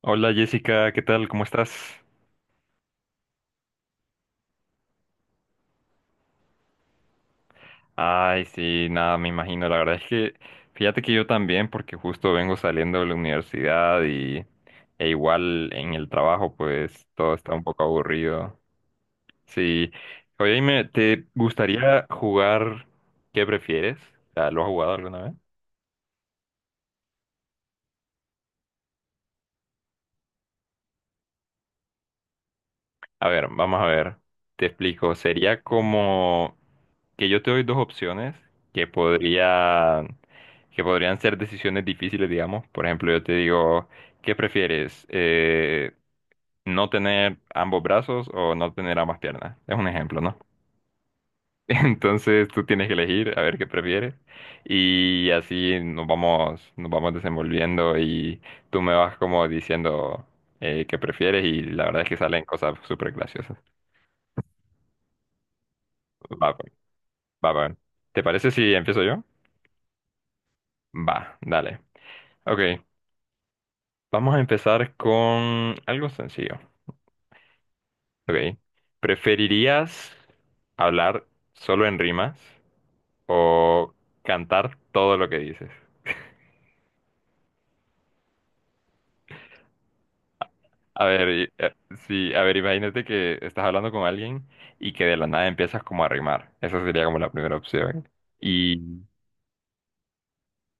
Hola Jessica, ¿qué tal? ¿Cómo estás? Ay, sí, nada, me imagino. La verdad es que fíjate que yo también, porque justo vengo saliendo de la universidad y e igual en el trabajo, pues todo está un poco aburrido. Sí. Oye, dime, ¿te gustaría jugar qué prefieres? O sea, ¿lo has jugado alguna vez? A ver, vamos a ver. Te explico. Sería como que yo te doy dos opciones que podrían, que podrían ser decisiones difíciles, digamos. Por ejemplo, yo te digo, ¿qué prefieres? ¿No tener ambos brazos o no tener ambas piernas? Es un ejemplo, ¿no? Entonces tú tienes que elegir a ver qué prefieres y así nos vamos desenvolviendo y tú me vas como diciendo qué prefieres y la verdad es que salen cosas súper graciosas. Va, pues, va. ¿Te parece si empiezo yo? Va, dale. Ok. Vamos a empezar con algo sencillo. Ok. ¿Preferirías hablar solo en rimas o cantar todo lo que dices? A ver, sí, a ver, imagínate que estás hablando con alguien y que de la nada empiezas como a rimar. Esa sería como la primera opción. Y,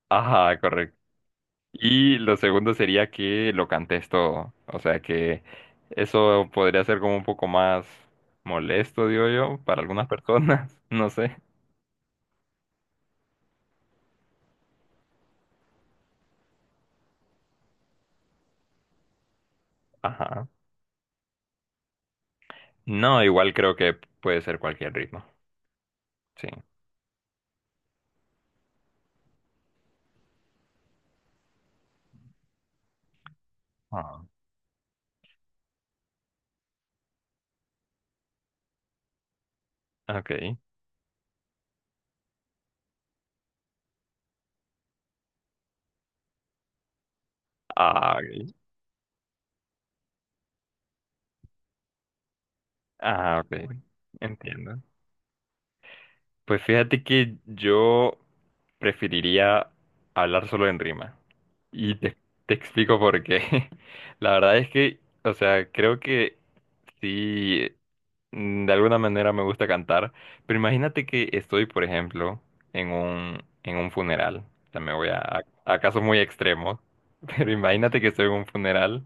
ajá, correcto. Y lo segundo sería que lo cantes todo. O sea que eso podría ser como un poco más molesto, digo yo, para algunas personas. No sé. Ajá. No, igual creo que puede ser cualquier ritmo. Sí. Ah, ok. Ah, ok. Ah, ok. Entiendo. Pues fíjate que yo preferiría hablar solo en rima. Y te, te explico por qué. La verdad es que, o sea, creo que sí, de alguna manera me gusta cantar. Pero imagínate que estoy, por ejemplo, en un funeral. O sea, me voy a casos muy extremos. Pero imagínate que estoy en un funeral,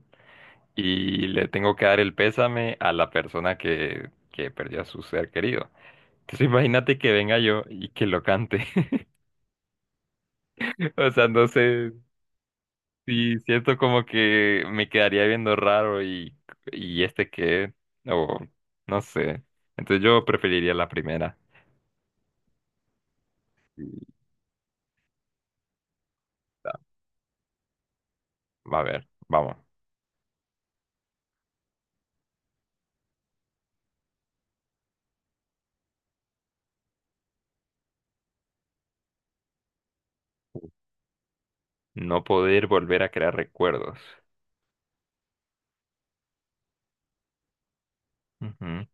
y le tengo que dar el pésame a la persona que perdió a su ser querido. Entonces imagínate que venga yo y que lo cante. O sea, no sé si siento como que me quedaría viendo raro y este qué o no sé. Entonces yo preferiría la primera. Y, ah, a ver, vamos. No poder volver a crear recuerdos. Ujú,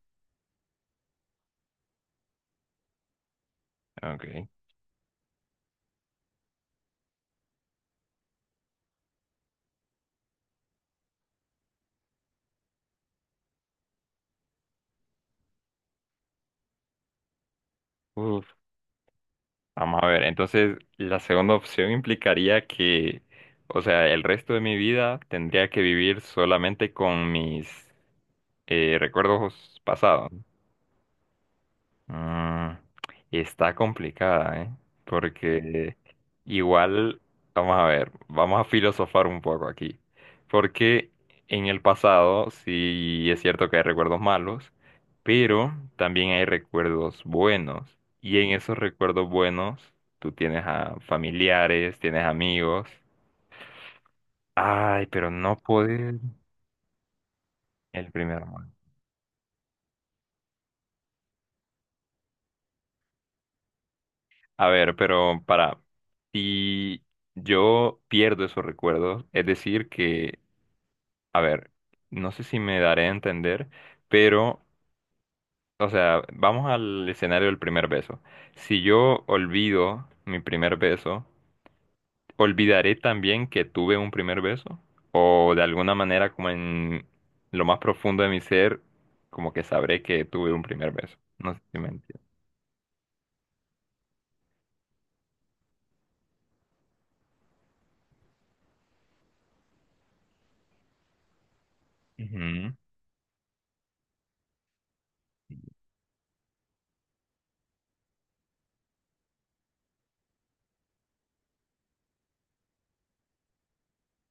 ok. Uf, vamos a ver, entonces la segunda opción implicaría que, o sea, el resto de mi vida tendría que vivir solamente con mis recuerdos pasados. Mm, está complicada, ¿eh? Porque igual, vamos a ver, vamos a filosofar un poco aquí. Porque en el pasado sí es cierto que hay recuerdos malos, pero también hay recuerdos buenos. Y en esos recuerdos buenos tú tienes a familiares, tienes amigos. Ay, pero no puedes el primer amor. A ver, pero para, si yo pierdo esos recuerdos, es decir que, a ver, no sé si me daré a entender, pero, o sea, vamos al escenario del primer beso. Si yo olvido mi primer beso, ¿olvidaré también que tuve un primer beso? O de alguna manera, como en lo más profundo de mi ser, como que sabré que tuve un primer beso. No sé si me entiendes. Ujú.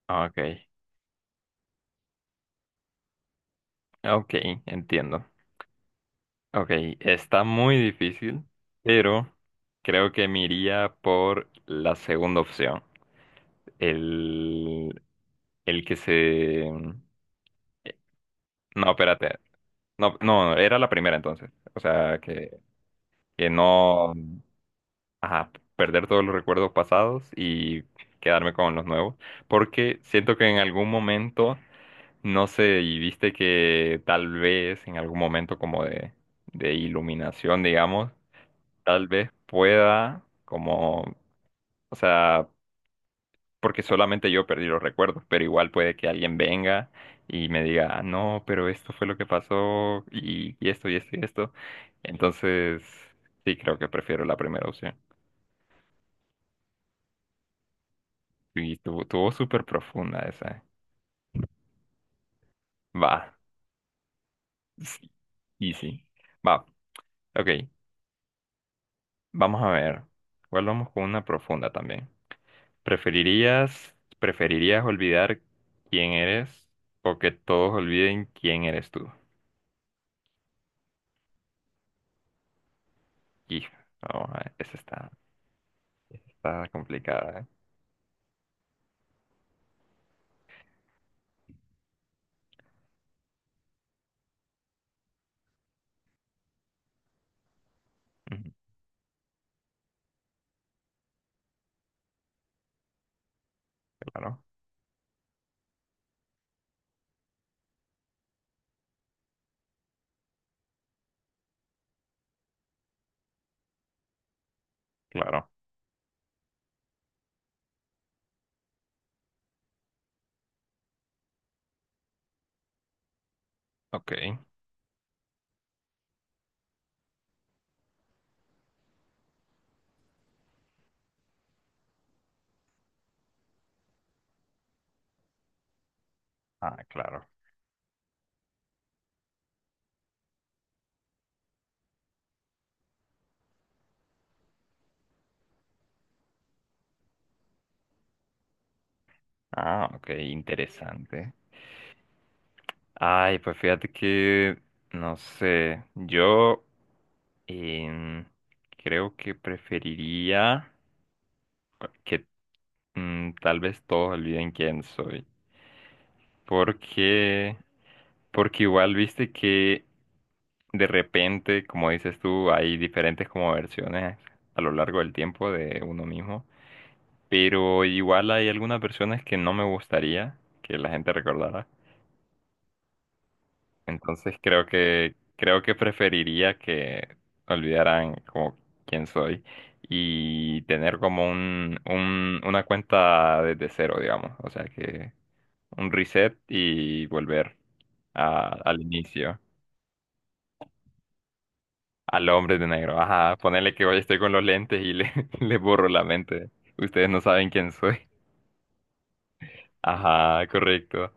Ok, ok, entiendo. Ok, está muy difícil, pero creo que me iría por la segunda opción. El, el que se... No, espérate. No, era la primera entonces. O sea, que no... Ajá, perder todos los recuerdos pasados y quedarme con los nuevos. Porque siento que en algún momento, no sé, y viste que tal vez en algún momento como de iluminación, digamos. Tal vez pueda, como, o sea, porque solamente yo perdí los recuerdos, pero igual puede que alguien venga y me diga, "Ah, no, pero esto fue lo que pasó y esto y esto y esto". Entonces, sí, creo que prefiero la primera opción. Y tuvo súper profunda esa. Va, sí, y sí. Va, ok, vamos a ver. Igual vamos con una profunda también. ¿Preferirías olvidar quién eres o que todos olviden quién eres tú? Y, vamos a ver, esa está, está complicada, ¿eh? Ujú, Claro, claro. Ok. Ah, claro. Ah, ok, interesante. Ay, pues fíjate que, no sé, yo em, creo que preferiría que tal vez todos olviden quién soy. Porque, porque igual viste que de repente, como dices tú, hay diferentes como versiones a lo largo del tiempo de uno mismo. Pero igual hay algunas personas que no me gustaría que la gente recordara. Entonces creo que preferiría que olvidaran como quién soy y tener como una cuenta desde cero, digamos. O sea que un reset y volver al inicio, al hombre de negro. Ajá, ponerle que hoy estoy con los lentes y le, le borro la mente. Ustedes no saben quién soy. Ajá, correcto.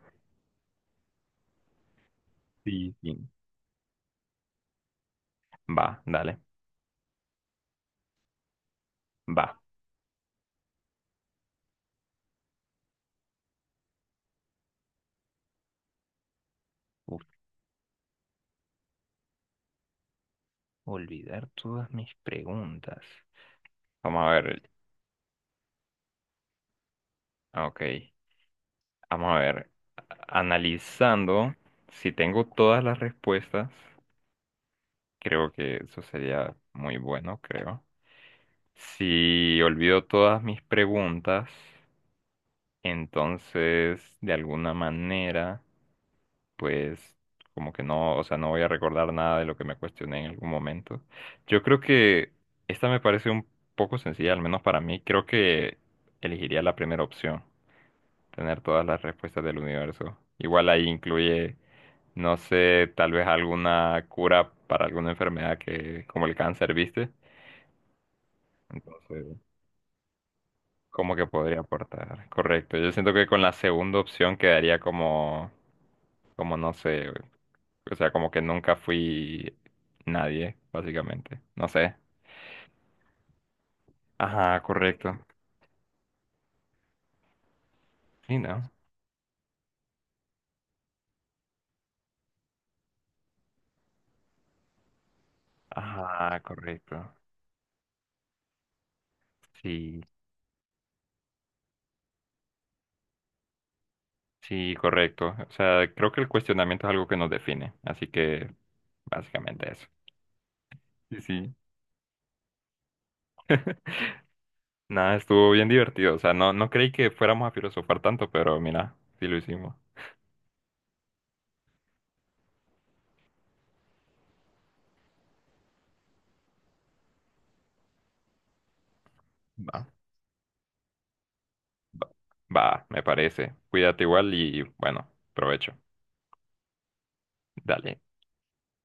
Sí, sí. Va, dale, va. Uf, olvidar todas mis preguntas. Vamos a ver. Ok, vamos a ver. Analizando, si tengo todas las respuestas, creo que eso sería muy bueno, creo. Si olvido todas mis preguntas, entonces, de alguna manera... pues como que no, o sea, no voy a recordar nada de lo que me cuestioné en algún momento. Yo creo que esta me parece un poco sencilla, al menos para mí. Creo que elegiría la primera opción, tener todas las respuestas del universo. Igual ahí incluye, no sé, tal vez alguna cura para alguna enfermedad que, como el cáncer, ¿viste? Entonces, cómo que podría aportar. Correcto. Yo siento que con la segunda opción quedaría como, como no sé, o sea, como que nunca fui nadie, básicamente. No sé. Ajá, correcto. Sí, ¿no? Ajá, correcto. Sí, sí, correcto. O sea, creo que el cuestionamiento es algo que nos define, así que básicamente eso. Sí, sí. Nada, estuvo bien divertido. O sea, no, no creí que fuéramos a filosofar tanto, pero mira, sí lo hicimos. Va. Va, va, me parece. Cuídate igual y bueno, provecho. Dale.